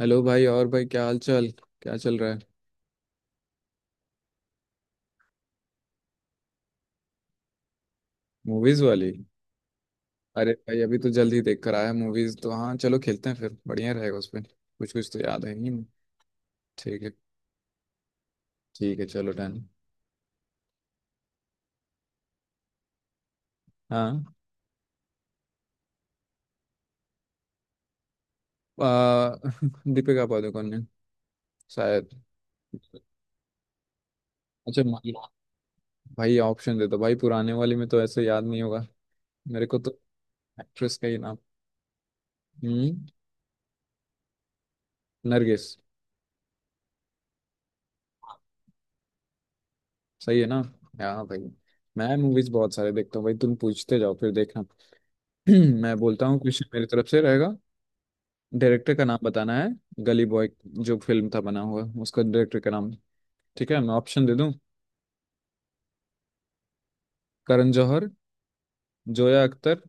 Hello भाई। और भाई क्या हाल चाल, क्या चल रहा है। मूवीज वाली। अरे भाई अभी तो जल्द ही देख कर आया मूवीज तो। हाँ चलो खेलते हैं, फिर बढ़िया रहेगा। उसमें कुछ कुछ तो याद है ही नहीं। ठीक है। ठीक है चलो डन। हाँ। आ, दीपिका पादुकोण ने, शायद। अच्छा मान लो। भाई ऑप्शन दे दो भाई, पुराने वाले में तो ऐसे याद नहीं होगा मेरे को तो। एक्ट्रेस का ही नाम। हम्म। नरगिस। सही है ना। हाँ भाई मैं मूवीज बहुत सारे देखता हूँ भाई, तुम पूछते जाओ फिर देखना। मैं बोलता हूँ कुछ, मेरी तरफ से रहेगा। डायरेक्टर का नाम बताना है। गली बॉय जो फिल्म था बना हुआ, उसका डायरेक्टर का नाम। ठीक है मैं ऑप्शन दे दूं। करण जौहर, जोया अख्तर,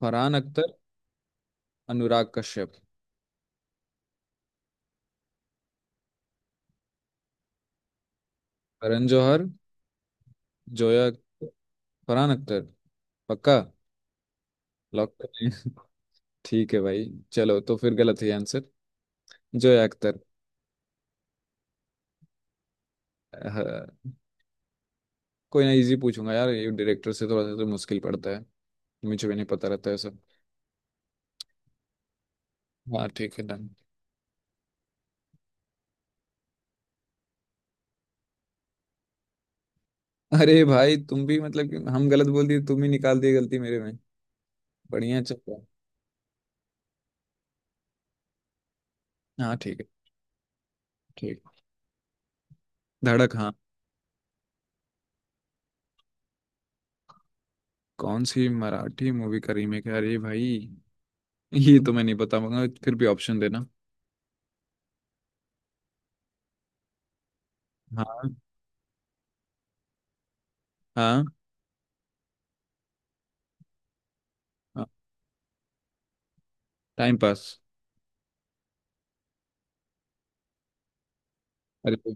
फरहान अख्तर, अनुराग कश्यप। करण जौहर, जोया अख्तर, फरहान अख्तर। पक्का। लॉक कर दें? ठीक है भाई। चलो तो फिर गलत है आंसर। जोया अख्तर। हाँ। कोई ना, इजी पूछूंगा यार, ये डायरेक्टर से थोड़ा सा तो मुश्किल पड़ता है, मुझे भी नहीं पता रहता है सब। हाँ ठीक है डन। अरे भाई तुम भी, मतलब कि हम गलत बोल दिए, तुम ही निकाल दिए गलती मेरे में। बढ़िया चल। हाँ ठीक है। ठीक। धड़क हाँ। कौन सी मराठी मूवी का रीमेक है, अरे भाई ये तो मैं नहीं बता पाऊंगा, फिर भी ऑप्शन देना। हाँ। हाँ। हाँ। Time pass. अरे।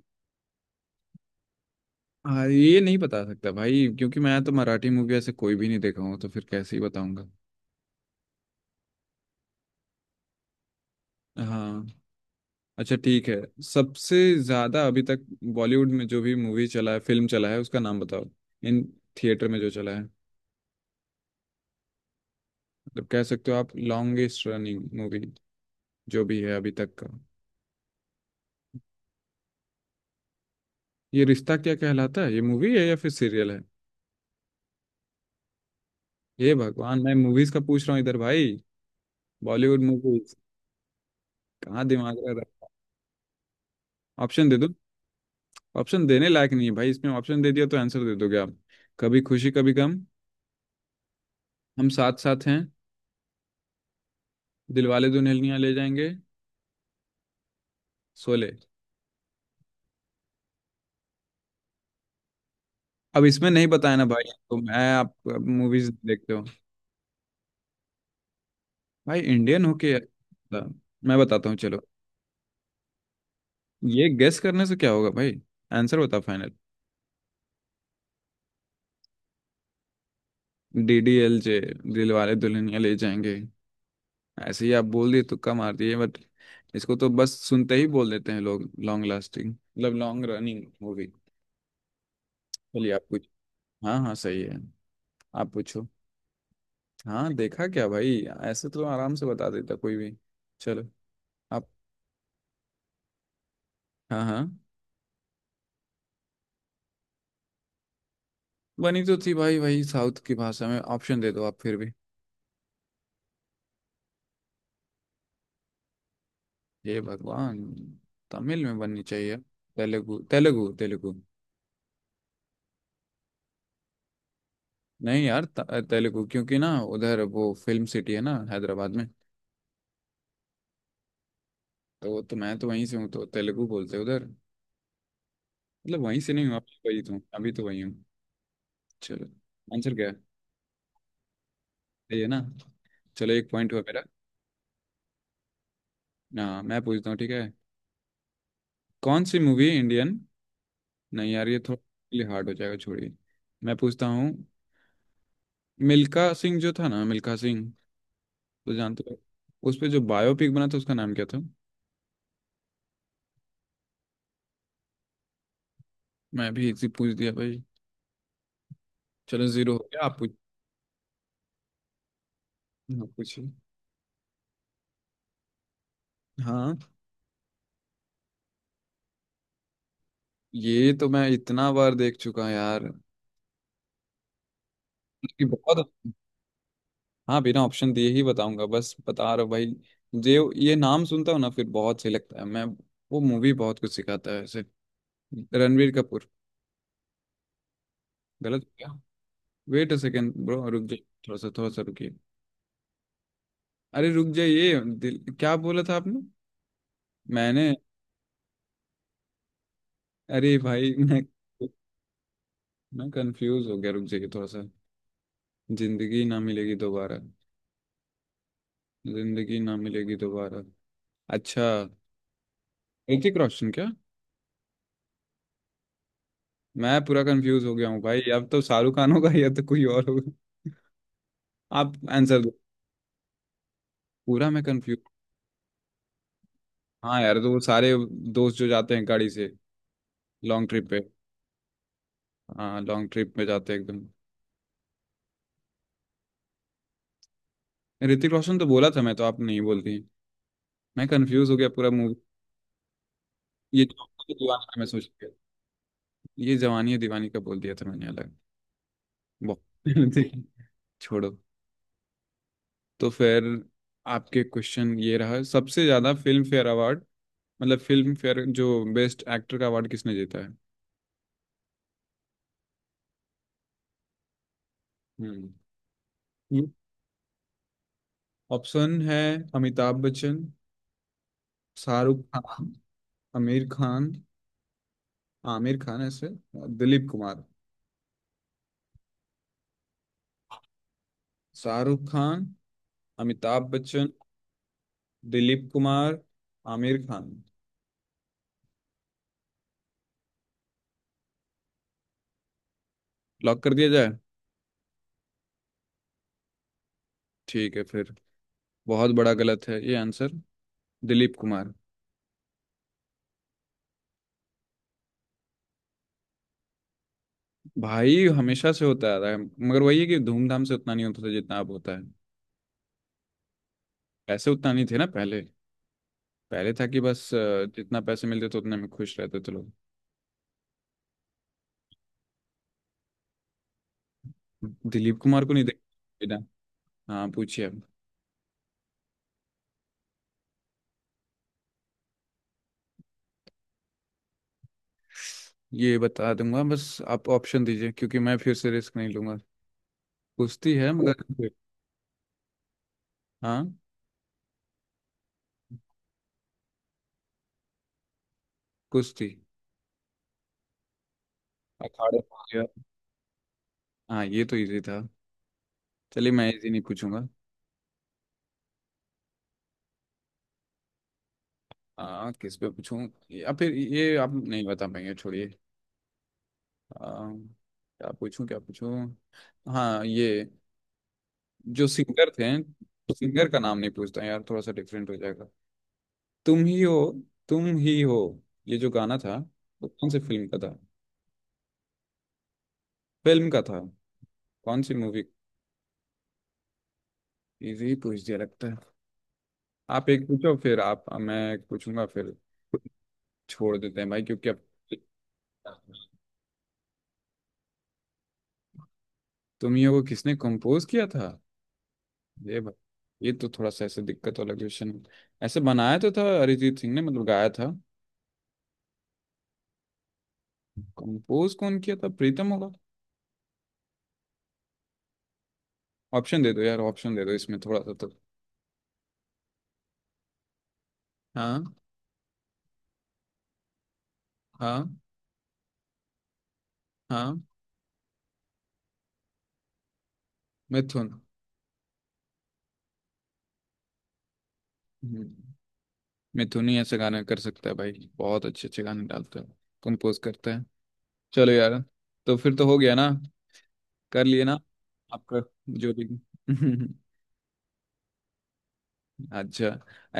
हाँ ये नहीं बता सकता भाई, क्योंकि मैं तो मराठी मूवी ऐसे कोई भी नहीं देखा हूँ, तो फिर कैसे ही बताऊंगा। हाँ। अच्छा ठीक है। सबसे ज्यादा अभी तक बॉलीवुड में जो भी मूवी चला है, फिल्म चला है, उसका नाम बताओ। इन थिएटर में जो चला है, मतलब कह सकते हो आप लॉन्गेस्ट रनिंग मूवी जो भी है अभी तक का। ये रिश्ता क्या कहलाता है, ये मूवी है या फिर सीरियल है। ये भगवान, मैं मूवीज का पूछ रहा हूँ इधर भाई, बॉलीवुड मूवीज। कहाँ दिमाग रहा है? ऑप्शन दे दो। ऑप्शन देने लायक नहीं है भाई, इसमें ऑप्शन दे दिया तो आंसर दे दोगे आप। कभी खुशी कभी गम, हम साथ साथ हैं, दिलवाले दुल्हनिया ले जाएंगे, शोले। अब इसमें नहीं बताया ना भाई, तो मैं आप मूवीज देखते हो, भाई इंडियन होके। मैं बताता हूँ चलो। ये गेस करने से क्या होगा भाई, आंसर बता final. D D L J, Dilwale Dulhania Le Jayenge. ऐसे ही आप बोल दिए, तुक्का मार दिए बट, इसको तो बस सुनते ही बोल देते हैं लोग, लॉन्ग लास्टिंग मतलब लॉन्ग रनिंग हो गई। चलिए आप कुछ। हाँ हाँ सही है। आप पूछो। हाँ देखा क्या भाई, ऐसे तो आराम से बता देता कोई भी। चलो। आप। हाँ हाँ। बनी तो थी भाई वही साउथ की भाषा में, ऑप्शन दे दो आप फिर भी। हे भगवान। तमिल में बननी चाहिए। तेलुगु, तेलुगु, तेलुगु। नहीं यार, तेलुगु, क्योंकि ना उधर वो फिल्म सिटी है ना हैदराबाद में। तो वो तो मैं तो वहीं से हूँ, तो तेलुगु बोलते हैं उधर। मतलब वहीं से नहीं हूँ अभी, वही तो, अभी तो वही हूँ। चलो आंसर क्या है। सही है ना। चलो एक पॉइंट हुआ मेरा। ना मैं पूछता हूँ ठीक है। कौन सी मूवी इंडियन, नहीं यार ये थोड़ा लिए हार्ड हो जाएगा, छोड़िए। मैं पूछता हूँ। मिल्खा सिंह जो था ना, मिल्खा सिंह तो जानते हो, उस पे जो बायोपिक बना था उसका नाम क्या था। मैं भी इसी पूछ दिया भाई। चलो जीरो हो गया, आप पूछ। आप पूछिए। हाँ ये तो मैं इतना बार देख चुका यार, मतलब कि बहुत। हाँ बिना ऑप्शन दिए ही बताऊंगा, बस बता रहा हूँ भाई। जे, ये नाम सुनता हूँ ना, फिर बहुत सही लगता है मैं, वो मूवी बहुत कुछ सिखाता है ऐसे। रणवीर कपूर। गलत हो गया। वेट अ सेकेंड ब्रो, रुक जाइए थोड़ा सा, थोड़ा सा रुकिए। अरे रुक जाइए, दिल क्या बोला था आपने, मैंने। अरे भाई मैं कंफ्यूज हो गया, रुक जाइए थोड़ा सा। जिंदगी ना मिलेगी दोबारा, जिंदगी ना मिलेगी दोबारा। अच्छा। ऋतिक रोशन क्या। मैं पूरा कंफ्यूज हो गया हूँ भाई, अब तो शाहरुख खान होगा या तो कोई और। आप आंसर दो। पूरा मैं कंफ्यूज। हाँ यार तो वो सारे दोस्त जो जाते हैं गाड़ी से, लॉन्ग ट्रिप पे। हाँ लॉन्ग ट्रिप पे जाते हैं एकदम। ऋतिक रोशन तो बोला था मैं, तो आप नहीं बोलती, मैं कंफ्यूज हो गया पूरा मूवी। ये जवानी है दीवानी का मैं सोच गया, ये जवानी है दीवानी का बोल दिया था मैंने अलग। बहुत। छोड़ो। तो फिर आपके क्वेश्चन ये रहा, सबसे ज्यादा फिल्म फेयर अवार्ड, मतलब फिल्म फेयर जो बेस्ट एक्टर का अवार्ड, किसने जीता है। हम्म। ऑप्शन है। अमिताभ बच्चन, शाहरुख खान, आमिर खान, आमिर खान ऐसे, दिलीप कुमार। शाहरुख खान, अमिताभ बच्चन, दिलीप कुमार, आमिर खान। लॉक कर दिया जाए। ठीक है फिर। बहुत बड़ा गलत है ये आंसर। दिलीप कुमार। भाई हमेशा से होता आ रहा है, मगर वही है कि धूमधाम से उतना नहीं होता था जितना अब होता है। पैसे उतना नहीं थे ना पहले। पहले था कि बस जितना पैसे मिलते थे उतने में खुश रहते थे लोग। दिलीप कुमार को नहीं देखना। हाँ पूछिए अब। ये बता दूंगा, बस आप ऑप्शन दीजिए, क्योंकि मैं फिर से रिस्क नहीं लूंगा। कुश्ती है मगर ओके। हाँ। कुश्ती। अखाड़े में हो गया। हाँ ये तो इजी था। चलिए मैं इजी नहीं पूछूंगा। किस पे पूछूं, या फिर ये आप नहीं बता पाएंगे, छोड़िए। आ, क्या पूछूं क्या पूछूं। हाँ ये जो सिंगर थे, सिंगर का नाम नहीं पूछता यार, थोड़ा सा डिफरेंट हो जाएगा। तुम ही हो, तुम ही हो, ये जो गाना था, वो कौन से फिल्म का था, फिल्म का था, कौन सी मूवी। इजी पूछ दिया लगता है। आप एक पूछो फिर आप, मैं एक पूछूंगा फिर छोड़ देते हैं भाई क्योंकि अब। तुमियों को किसने कंपोज किया था। ये भाई ये तो थोड़ा सा ऐसे दिक्कत वाला क्वेश्चन है। ऐसे बनाया तो था अरिजीत सिंह ने, मतलब गाया था। कंपोज कौन किया था, प्रीतम होगा। ऑप्शन दे दो यार, ऑप्शन दे दो, इसमें थोड़ा सा तो। हाँ। हाँ। हाँ। मिथुन। हम्म। मिथुन ही ऐसे गाने कर सकता है भाई, बहुत अच्छे अच्छे गाने डालता है, कंपोज करता है। चलो यार, तो फिर तो हो गया ना, कर लिए ना। आपका जो भी। अच्छा।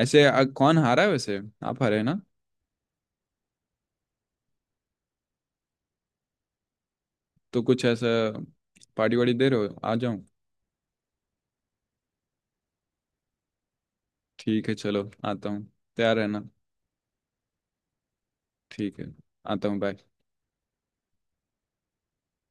ऐसे कौन हारा है वैसे, आप हारे हैं ना। तो कुछ ऐसा पार्टी वार्टी दे रहे हो, आ जाऊं। ठीक है चलो आता हूँ, तैयार रहना। ठीक है आता हूँ, बाय।